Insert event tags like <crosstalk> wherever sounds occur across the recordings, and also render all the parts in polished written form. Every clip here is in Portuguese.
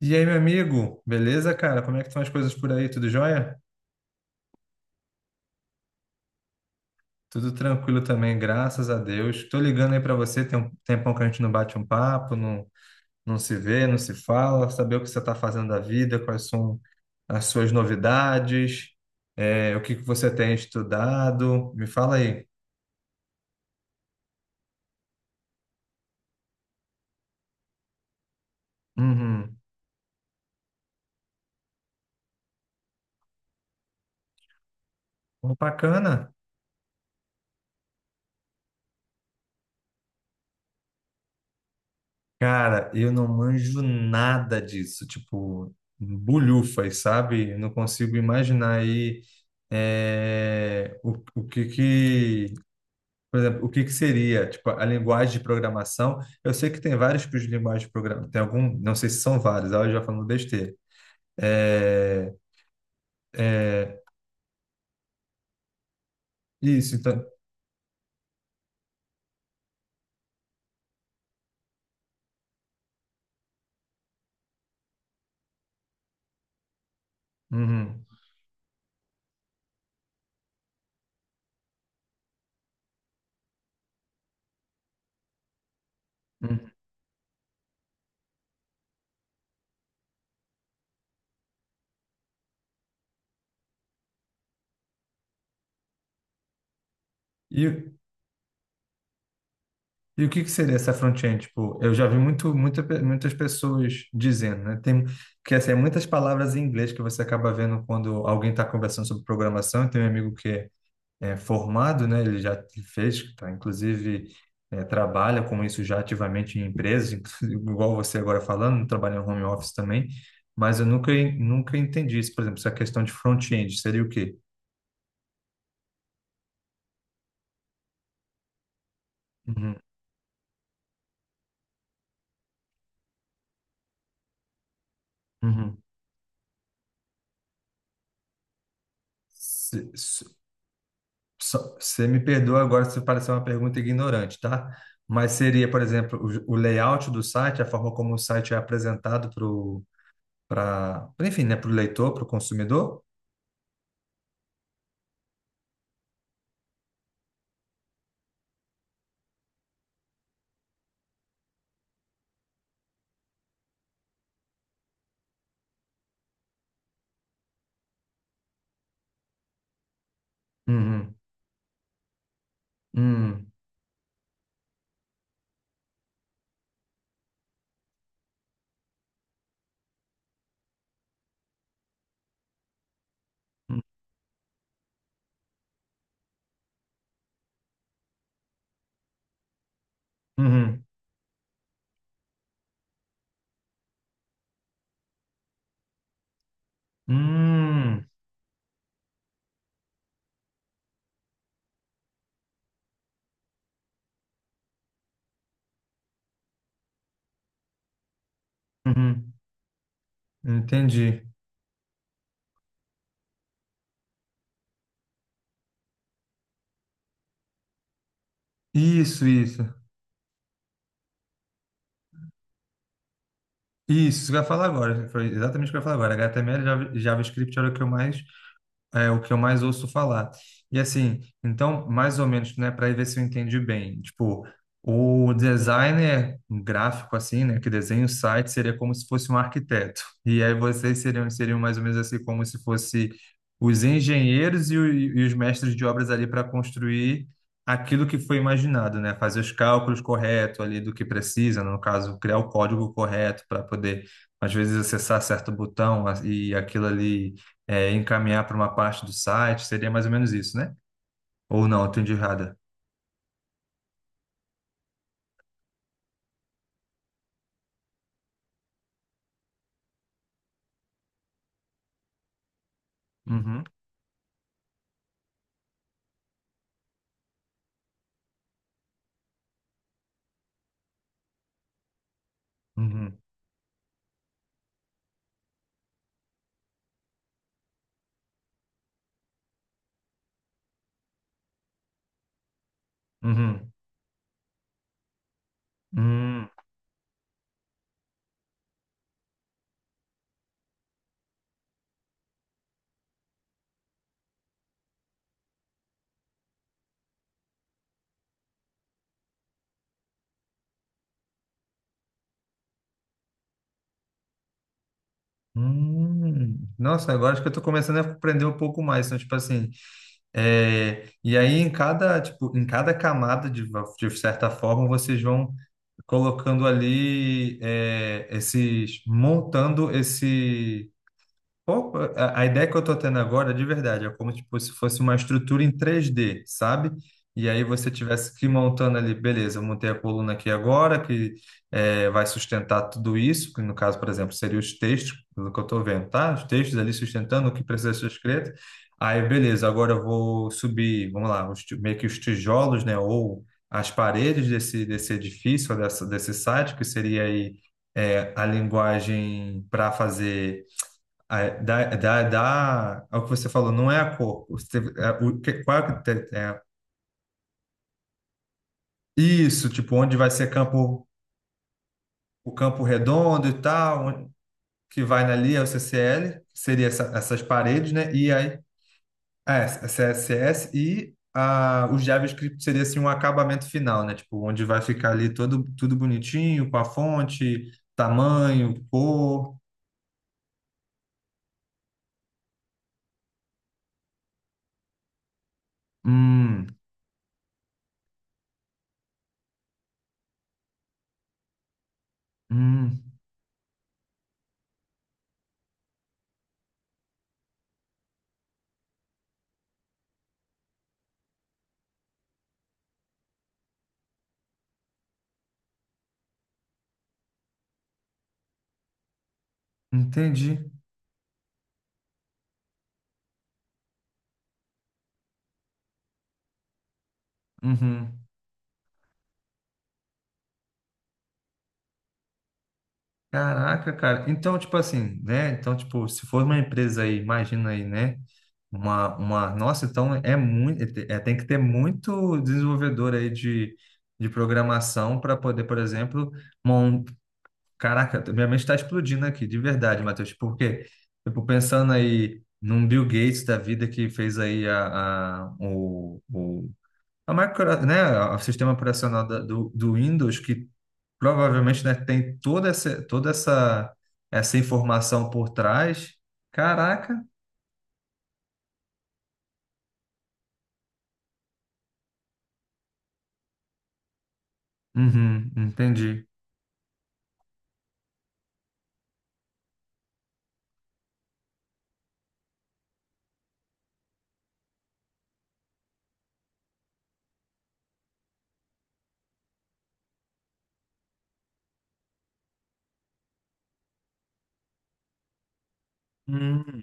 E aí, meu amigo, beleza, cara? Como é que estão as coisas por aí? Tudo jóia? Tudo tranquilo também, graças a Deus. Tô ligando aí pra você, tem um tempão que a gente não bate um papo, não, não se vê, não se fala, saber o que você tá fazendo da vida, quais são as suas novidades, o que que você tem estudado. Me fala aí. Uhum. Pô, bacana. Cara, eu não manjo nada disso, tipo, bulhufas, sabe? Eu não consigo imaginar aí é, o, o que que, por exemplo, o que que seria, tipo, a linguagem de programação. Eu sei que tem vários tipos de linguagem de programação, tem algum, não sei se são vários, aí eu já falando besteira. É, isso, então. Uhum, uhum. E o que que seria essa front-end? Tipo, eu já vi muito, muitas pessoas dizendo, né? É muitas palavras em inglês que você acaba vendo quando alguém está conversando sobre programação. Tem um amigo que é formado, né? Ele já fez, tá? Inclusive trabalha com isso já ativamente em empresas, <laughs> inclusive, igual você agora falando, trabalha em home office também. Mas eu nunca entendi isso. Por exemplo, essa questão de front-end seria o quê? Uhum, uhum. Só- Você me perdoa agora se parecer uma pergunta ignorante, tá? Mas seria, por exemplo, o layout do site, a forma como o site é apresentado para, enfim, né, para o leitor, para o consumidor? Uhum, uhum, uhum, uhum, uhum. Entendi. Isso, isso. Isso que eu ia falar agora. Foi exatamente o que eu ia falar agora. HTML e JavaScript era o que eu mais. É o que eu mais ouço falar. E assim, então, mais ou menos, né, para ver se eu entendi bem. Tipo, o designer gráfico, assim, né, que desenha o site, seria como se fosse um arquiteto. E aí vocês seriam mais ou menos assim, como se fosse os engenheiros e os mestres de obras ali para construir aquilo que foi imaginado, né? Fazer os cálculos corretos ali do que precisa, no caso, criar o código correto para poder, às vezes, acessar certo e aquilo ali encaminhar para uma parte do site, seria mais ou menos isso, né? Ou não, entendi errada. Uhum, uhum, uhum, uhum, uhum. Nossa, agora acho que eu estou começando a aprender um pouco mais. Então, tipo assim, e aí em cada, tipo, em cada camada, de certa forma, vocês vão colocando ali montando esse. A ideia que eu estou tendo agora, de verdade, é como tipo, se fosse uma estrutura em três d, sabe? E aí você tivesse que ir montando ali, beleza, eu montei a coluna aqui agora, que eh, vai sustentar tudo isso, que no caso, por exemplo, seria os textos, pelo que eu estou vendo, tá? Os textos ali sustentando o que precisa ser escrito. Aí, beleza, agora eu vou subir, vamos lá, os meio que os tijolos, né? Ou as paredes desse edifício, ou desse site, que seria aí eh, a linguagem para fazer ah, é, é o que você falou, não é a cor. Você, é, o, que, qual é, o que é, isso, tipo, onde vai ser campo, o campo redondo e tal, onde- que vai ali é o CCL, seria essas paredes, né? E aí, ah, é, CSS o JavaScript seria assim um acabamento final, né? Tipo, onde vai ficar ali todo, tudo bonitinho, com a fonte, tamanho, cor. Hum, hum, entendi. Uhum. Caraca, cara. Então, tipo assim, né? Então, tipo, se for uma empresa aí, imagina aí, né? Uma... Nossa, então é muito. É, tem que ter muito desenvolvedor de programação para poder, por exemplo, mon... Caraca, minha mente está explodindo aqui, de verdade, Matheus. Tipo, porque, tipo, pensando aí num Bill Gates da vida que fez aí a micro, né? O sistema operacional do Windows que provavelmente, né, tem toda essa, essa informação por trás. Caraca. Uhum, entendi. Hum.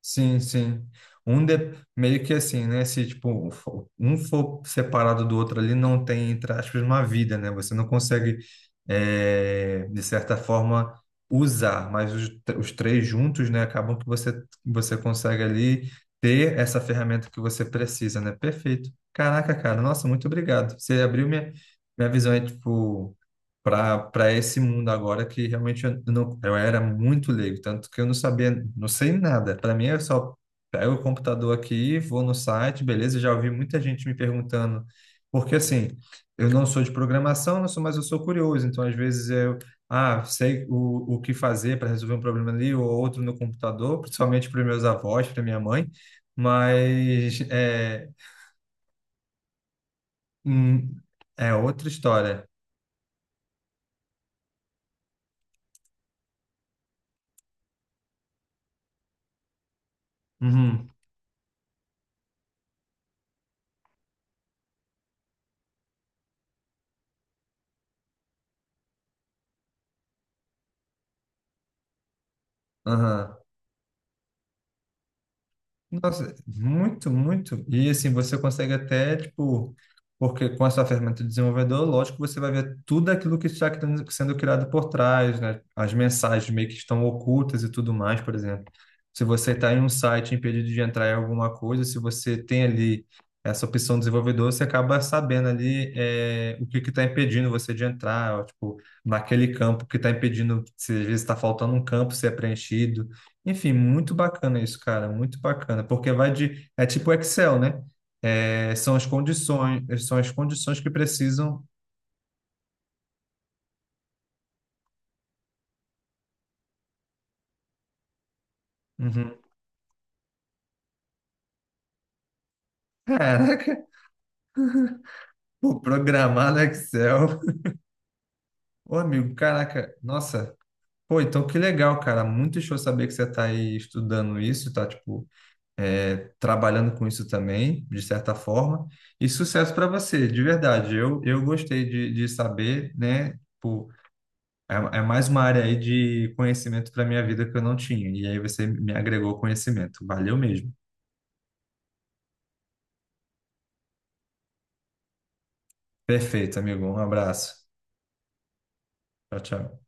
Sim, sim. Um de- meio que assim, né? Se tipo, um for separado do outro ali, não tem, entre aspas, uma vida, né? Você não consegue, eh, de certa forma, usar, mas os três juntos, né? Acabam que você, você consegue ali ter essa ferramenta que você precisa, né? Perfeito. Caraca, cara, nossa, muito obrigado. Você abriu minha, minha visão, é tipo para esse mundo agora que realmente eu, não, eu era muito leigo, tanto que eu não sabia, não sei nada. Para mim, eu só pego o computador aqui, vou no site, beleza? Já ouvi muita gente me perguntando, porque assim, eu não sou de programação, não sou, mas eu sou curioso, então às vezes eu. Ah, sei o que fazer para resolver um problema ali ou outro no computador, principalmente para meus avós, para minha mãe, mas é, hum, é outra história. Uhum, aham. Nossa, muito, muito. E assim, você consegue até, tipo, porque com essa ferramenta de desenvolvedor, lógico, você vai ver tudo aquilo que está sendo criado por trás, né? As mensagens meio que estão ocultas e tudo mais, por exemplo. Se você está em um site impedido de entrar em alguma coisa, se você tem ali essa opção de desenvolvedor, você acaba sabendo ali é, o que que está impedindo você de entrar, ó, tipo, naquele campo que está impedindo, se às vezes está faltando um campo ser preenchido. Enfim, muito bacana isso, cara, muito bacana, porque vai de, é tipo Excel, né? É, são as condições que precisam. Uhum. <laughs> Caraca, pô, programar no Excel. Ô, amigo, caraca, nossa. Pô, então que legal, cara. Muito show saber que você tá aí estudando isso, tá, tipo, é, trabalhando com isso também, de certa forma. E sucesso para você, de verdade. Eu gostei de saber, né? Tipo, é, é mais uma área aí de conhecimento para minha vida que eu não tinha. E aí você me agregou conhecimento. Valeu mesmo. Perfeito, amigo. Um abraço. Tchau, tchau.